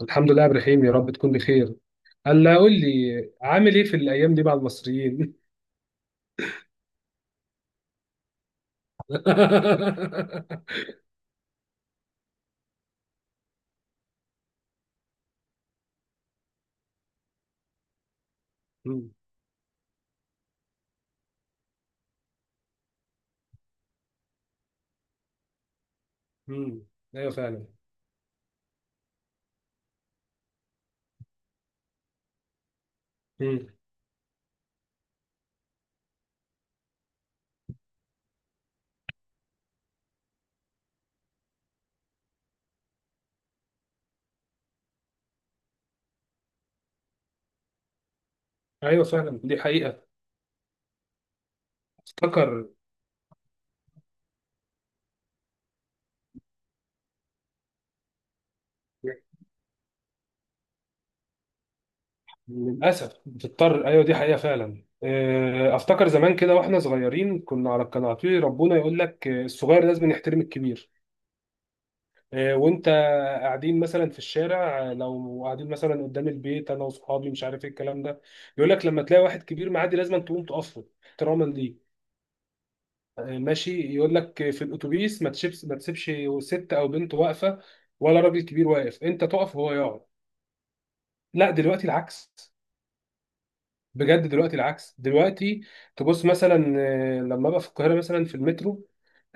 الحمد لله يا ابراهيم، يا رب تكون بخير. هلا قول لي عامل ايه في الايام دي مع المصريين؟ مم. مم. ايوه فعلا. مم. ايوه فعلا، دي حقيقه. افتكر. للاسف بتضطر، ايوه دي حقيقه فعلا. افتكر زمان كده واحنا صغيرين كنا على كان على طول ربنا يقول لك، الصغير لازم يحترم الكبير. وانت قاعدين مثلا في الشارع، لو قاعدين مثلا قدام البيت انا وصحابي مش عارف ايه الكلام ده، يقول لك لما تلاقي واحد كبير معدي لازم تقوم تقف له احتراما ليه. ماشي، يقول لك في الاتوبيس ما تسيبش ست او بنت واقفه ولا راجل كبير واقف، انت تقف وهو يقعد. لا دلوقتي العكس، بجد دلوقتي العكس دلوقتي. تبص مثلا، لما ابقى في القاهره مثلا في المترو،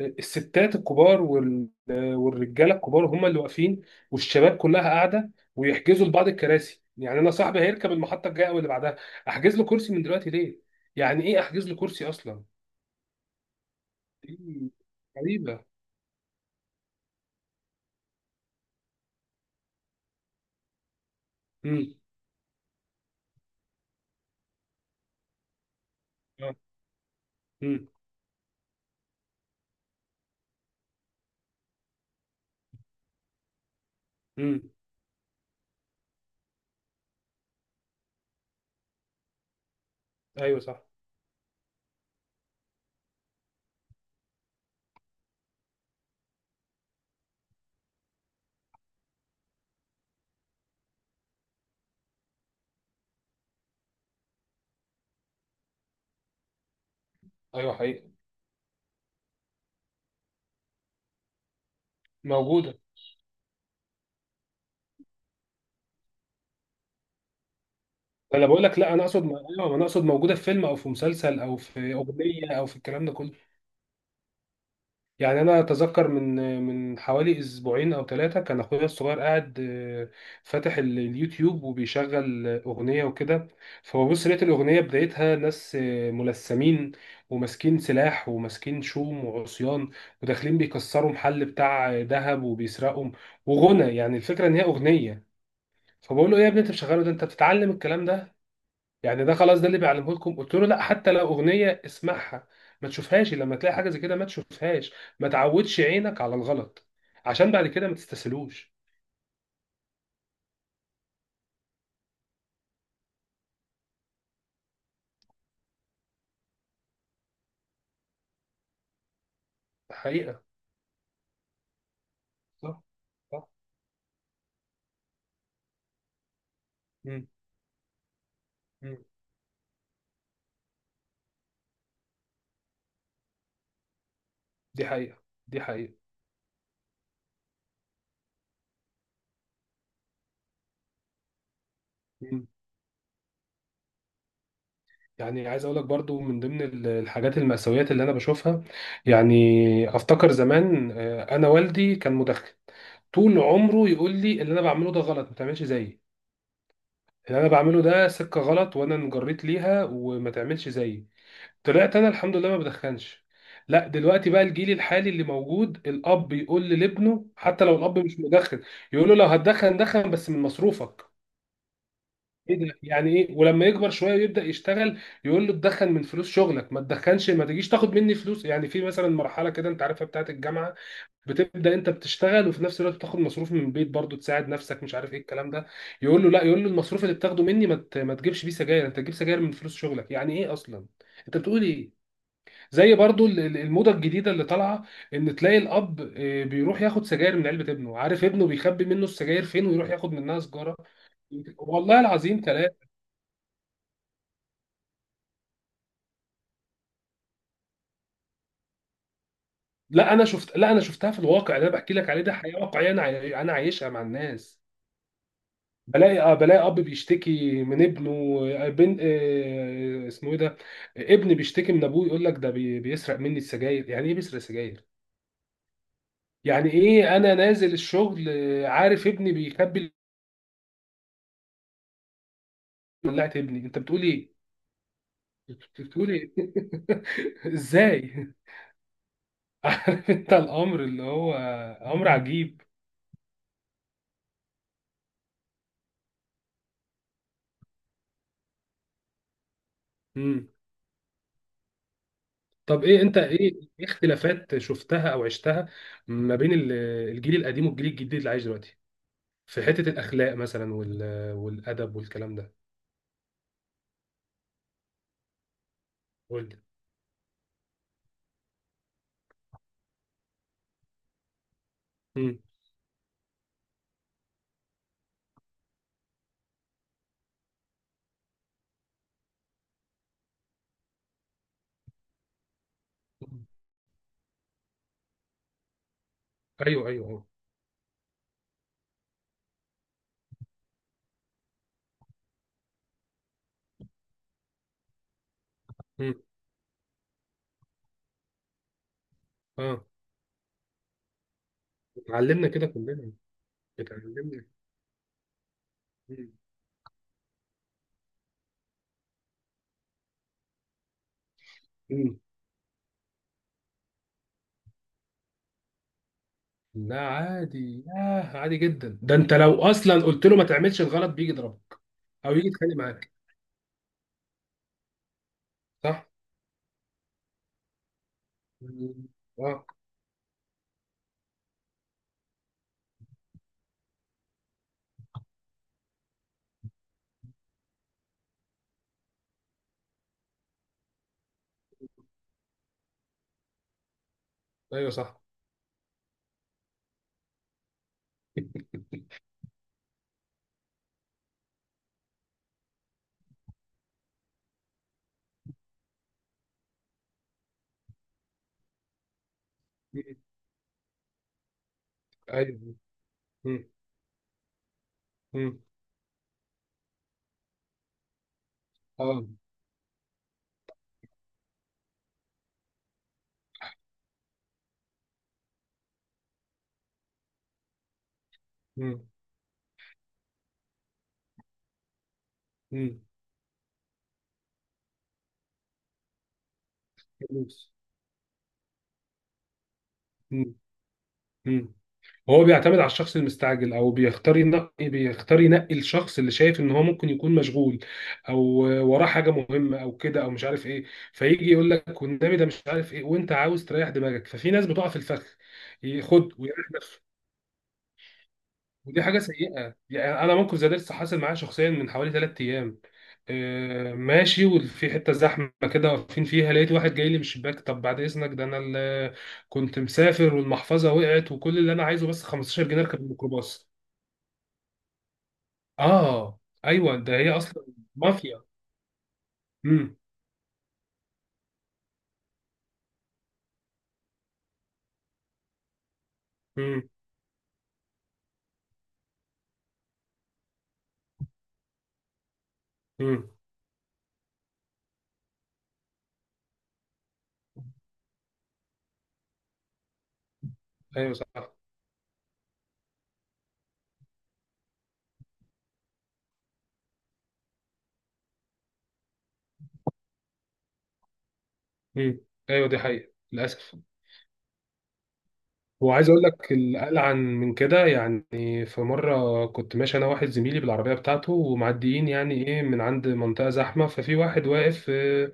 الستات الكبار والرجاله الكبار هم اللي واقفين، والشباب كلها قاعده ويحجزوا لبعض الكراسي. يعني انا صاحبي هيركب المحطه الجايه او اللي بعدها، احجز له كرسي من دلوقتي ليه؟ يعني ايه احجز له كرسي اصلا؟ دي غريبه. امم. امم. امم. ايوه صح. ايوه حقيقي موجوده. انا بقول لك لا، انا اقصد ايوه، انا اقصد موجوده في فيلم او في مسلسل او في اغنيه او في الكلام ده كله. يعني انا اتذكر من من حوالي اسبوعين او ثلاثه كان اخويا الصغير قاعد، فاتح اليوتيوب وبيشغل اغنيه وكده. فببص لقيت الاغنيه بدايتها ناس ملثمين وماسكين سلاح وماسكين شوم وعصيان وداخلين بيكسروا محل بتاع ذهب وبيسرقوا وغنى، يعني الفكره ان هي اغنيه. فبقول له ايه يا ابني انت بتشغله ده؟ انت بتتعلم الكلام ده؟ يعني ده خلاص ده اللي بيعلمه لكم؟ قلت له لا، حتى لو اغنيه اسمعها ما تشوفهاش. لما تلاقي حاجه زي كده ما تشوفهاش، ما تعودش عينك على الغلط عشان بعد كده ما تستسهلوش. حقيقه. صح. صح. مم. مم. دي حقيقه. دي حقيقه. مم. يعني عايز اقول لك برضو من ضمن الحاجات المأساويات اللي انا بشوفها. يعني افتكر زمان، انا والدي كان مدخن طول عمره يقول لي اللي انا بعمله ده غلط، ما تعملش زيي. اللي انا بعمله ده سكه غلط وانا انجريت ليها، وما تعملش زيي. طلعت انا الحمد لله ما بدخنش. لا دلوقتي بقى الجيل الحالي اللي موجود الاب يقول لابنه، حتى لو الاب مش مدخن، يقول له لو هتدخن دخن بس من مصروفك. ايه ده؟ يعني ايه؟ ولما يكبر شويه ويبدا يشتغل يقول له تدخن من فلوس شغلك، ما تدخنش، ما تجيش تاخد مني فلوس. يعني في مثلا مرحله كده انت عارفها بتاعت الجامعه، بتبدا انت بتشتغل وفي نفس الوقت بتاخد مصروف من البيت برضو تساعد نفسك مش عارف ايه الكلام ده. يقول له لا، يقول له المصروف اللي بتاخده مني ما تجيبش بيه سجاير، انت تجيب سجاير من فلوس شغلك. يعني ايه اصلا؟ انت بتقول ايه؟ زي برضو الموضة الجديدة اللي طالعة، ان تلاقي الاب بيروح ياخد سجاير من علبة ابنه، عارف ابنه بيخبي منه السجاير فين، ويروح ياخد منها سجارة. والله العظيم كلام. لا انا شفت، لا انا شفتها في الواقع. اللي انا بحكي لك عليه ده حقيقة واقعية، انا انا عايشها مع الناس. بلاقي، بلاقي اب بيشتكي من ابنه، آه، بن آه، اسمه ايه ده، ابن بيشتكي من ابوه يقول لك ده بيسرق مني السجاير. يعني ايه بيسرق سجاير؟ يعني ايه؟ انا نازل الشغل، عارف ابني بيخبي ولاعة ابني. انت بتقول ايه؟ بتقولي. ازاي؟ عارف انت الامر اللي هو امر عجيب. مم. طب ايه انت إيه اختلافات شفتها او عشتها ما بين الجيل القديم والجيل الجديد اللي عايش دلوقتي في حتة الاخلاق مثلا والادب والكلام ده؟ قول لي. مم. ايوه ايوه ايوه. مم. اه. اتعلمنا كده كلنا. اتعلمنا. مم. مم. لا عادي، ياه عادي جدا. ده انت لو اصلا قلت له ما تعملش الغلط بيجي يضربك او يجي يتخانق معاك. صح. مم. اه. ايوه صح. مم. ايوه. مم. مم. اه. مم. مم. فلوس. مم. مم. هو بيعتمد على الشخص المستعجل، او بيختار ينقي، بيختار ينقي الشخص اللي شايف ان هو ممكن يكون مشغول او وراه حاجه مهمه او كده او مش عارف ايه. فيجي يقول لك والنبي ده مش عارف ايه، وانت عاوز تريح دماغك، ففي ناس بتقع في الفخ. ياخد ويريح نفسه. ودي حاجة سيئة. يعني أنا موقف زي ده لسه حاصل معايا شخصيا من حوالي 3 أيام. ماشي، وفي حتة زحمة كده واقفين فيها، لقيت واحد جاي لي من الشباك، طب بعد إذنك ده أنا اللي كنت مسافر والمحفظة وقعت وكل اللي أنا عايزه بس 15 جنيه أركب الميكروباص. آه. أيوه، ده هي أصلا مافيا. مم. مم. مم. أيوه صح. مم. أيوه، دي حقيقة للأسف. وعايز اقول لك القلعن عن من كده. يعني في مره كنت ماشي انا واحد زميلي بالعربيه بتاعته ومعديين، يعني ايه، من عند منطقه زحمه، ففي واحد واقف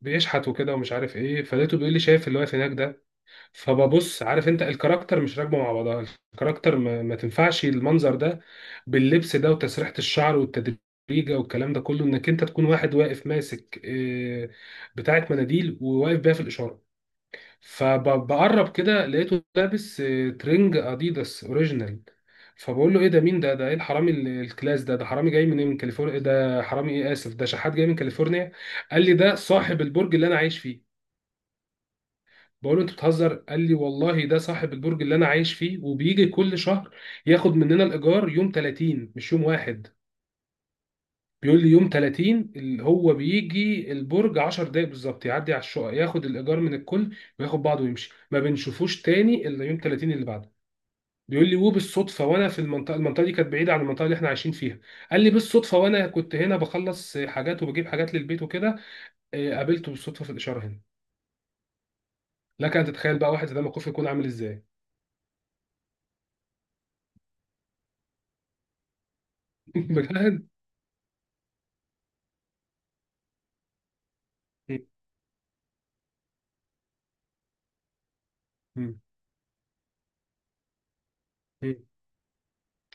بيشحت وكده ومش عارف ايه، فلقيته بيقول لي شايف اللي واقف هناك ده؟ فببص. عارف انت الكاركتر مش راكبه مع بعضها، الكاركتر ما تنفعش المنظر ده باللبس ده وتسريحه الشعر والتدريجه والكلام ده كله انك انت تكون واحد واقف ماسك بتاعه مناديل وواقف بيها في الاشاره. فبقرب كده لقيته لابس ترنج اديداس اوريجينال. فبقول له ايه ده؟ مين ده؟ ده ايه الحرامي الكلاس ده؟ ده حرامي جاي من ايه؟ من كاليفورنيا؟ إيه ده حرامي، ايه اسف ده شحات جاي من كاليفورنيا. قال لي ده صاحب البرج اللي انا عايش فيه. بقول له انت بتهزر. قال لي والله ده صاحب البرج اللي انا عايش فيه، وبيجي كل شهر ياخد مننا الايجار يوم 30 مش يوم واحد. بيقول لي يوم 30 اللي هو بيجي البرج 10 دقايق بالظبط، يعدي على الشقق ياخد الايجار من الكل وياخد بعضه ويمشي، ما بنشوفوش تاني الا يوم 30 اللي بعده. بيقول لي وبالصدفه وانا في المنطقه، المنطقه دي كانت بعيده عن المنطقه اللي احنا عايشين فيها، قال لي بالصدفه وانا كنت هنا بخلص حاجات وبجيب حاجات للبيت وكده، قابلته بالصدفه في الاشاره هنا. لك ان تتخيل بقى واحد زي ده موقفه يكون عامل ازاي. بجد. م- م- م.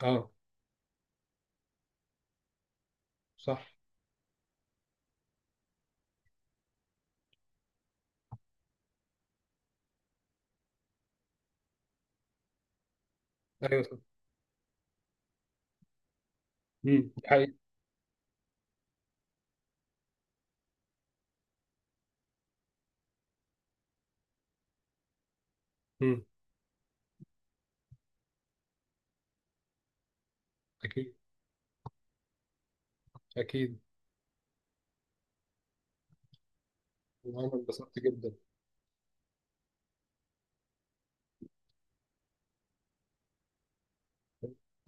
اه. صح. ايوه صح. م. دي حقيقة. م. اكيد. اكيد، وانا انبسطت جدا.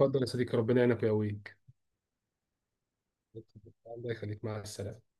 اتفضل يا صديقي، ربنا يعينك ويقويك. الله يخليك، مع السلامة.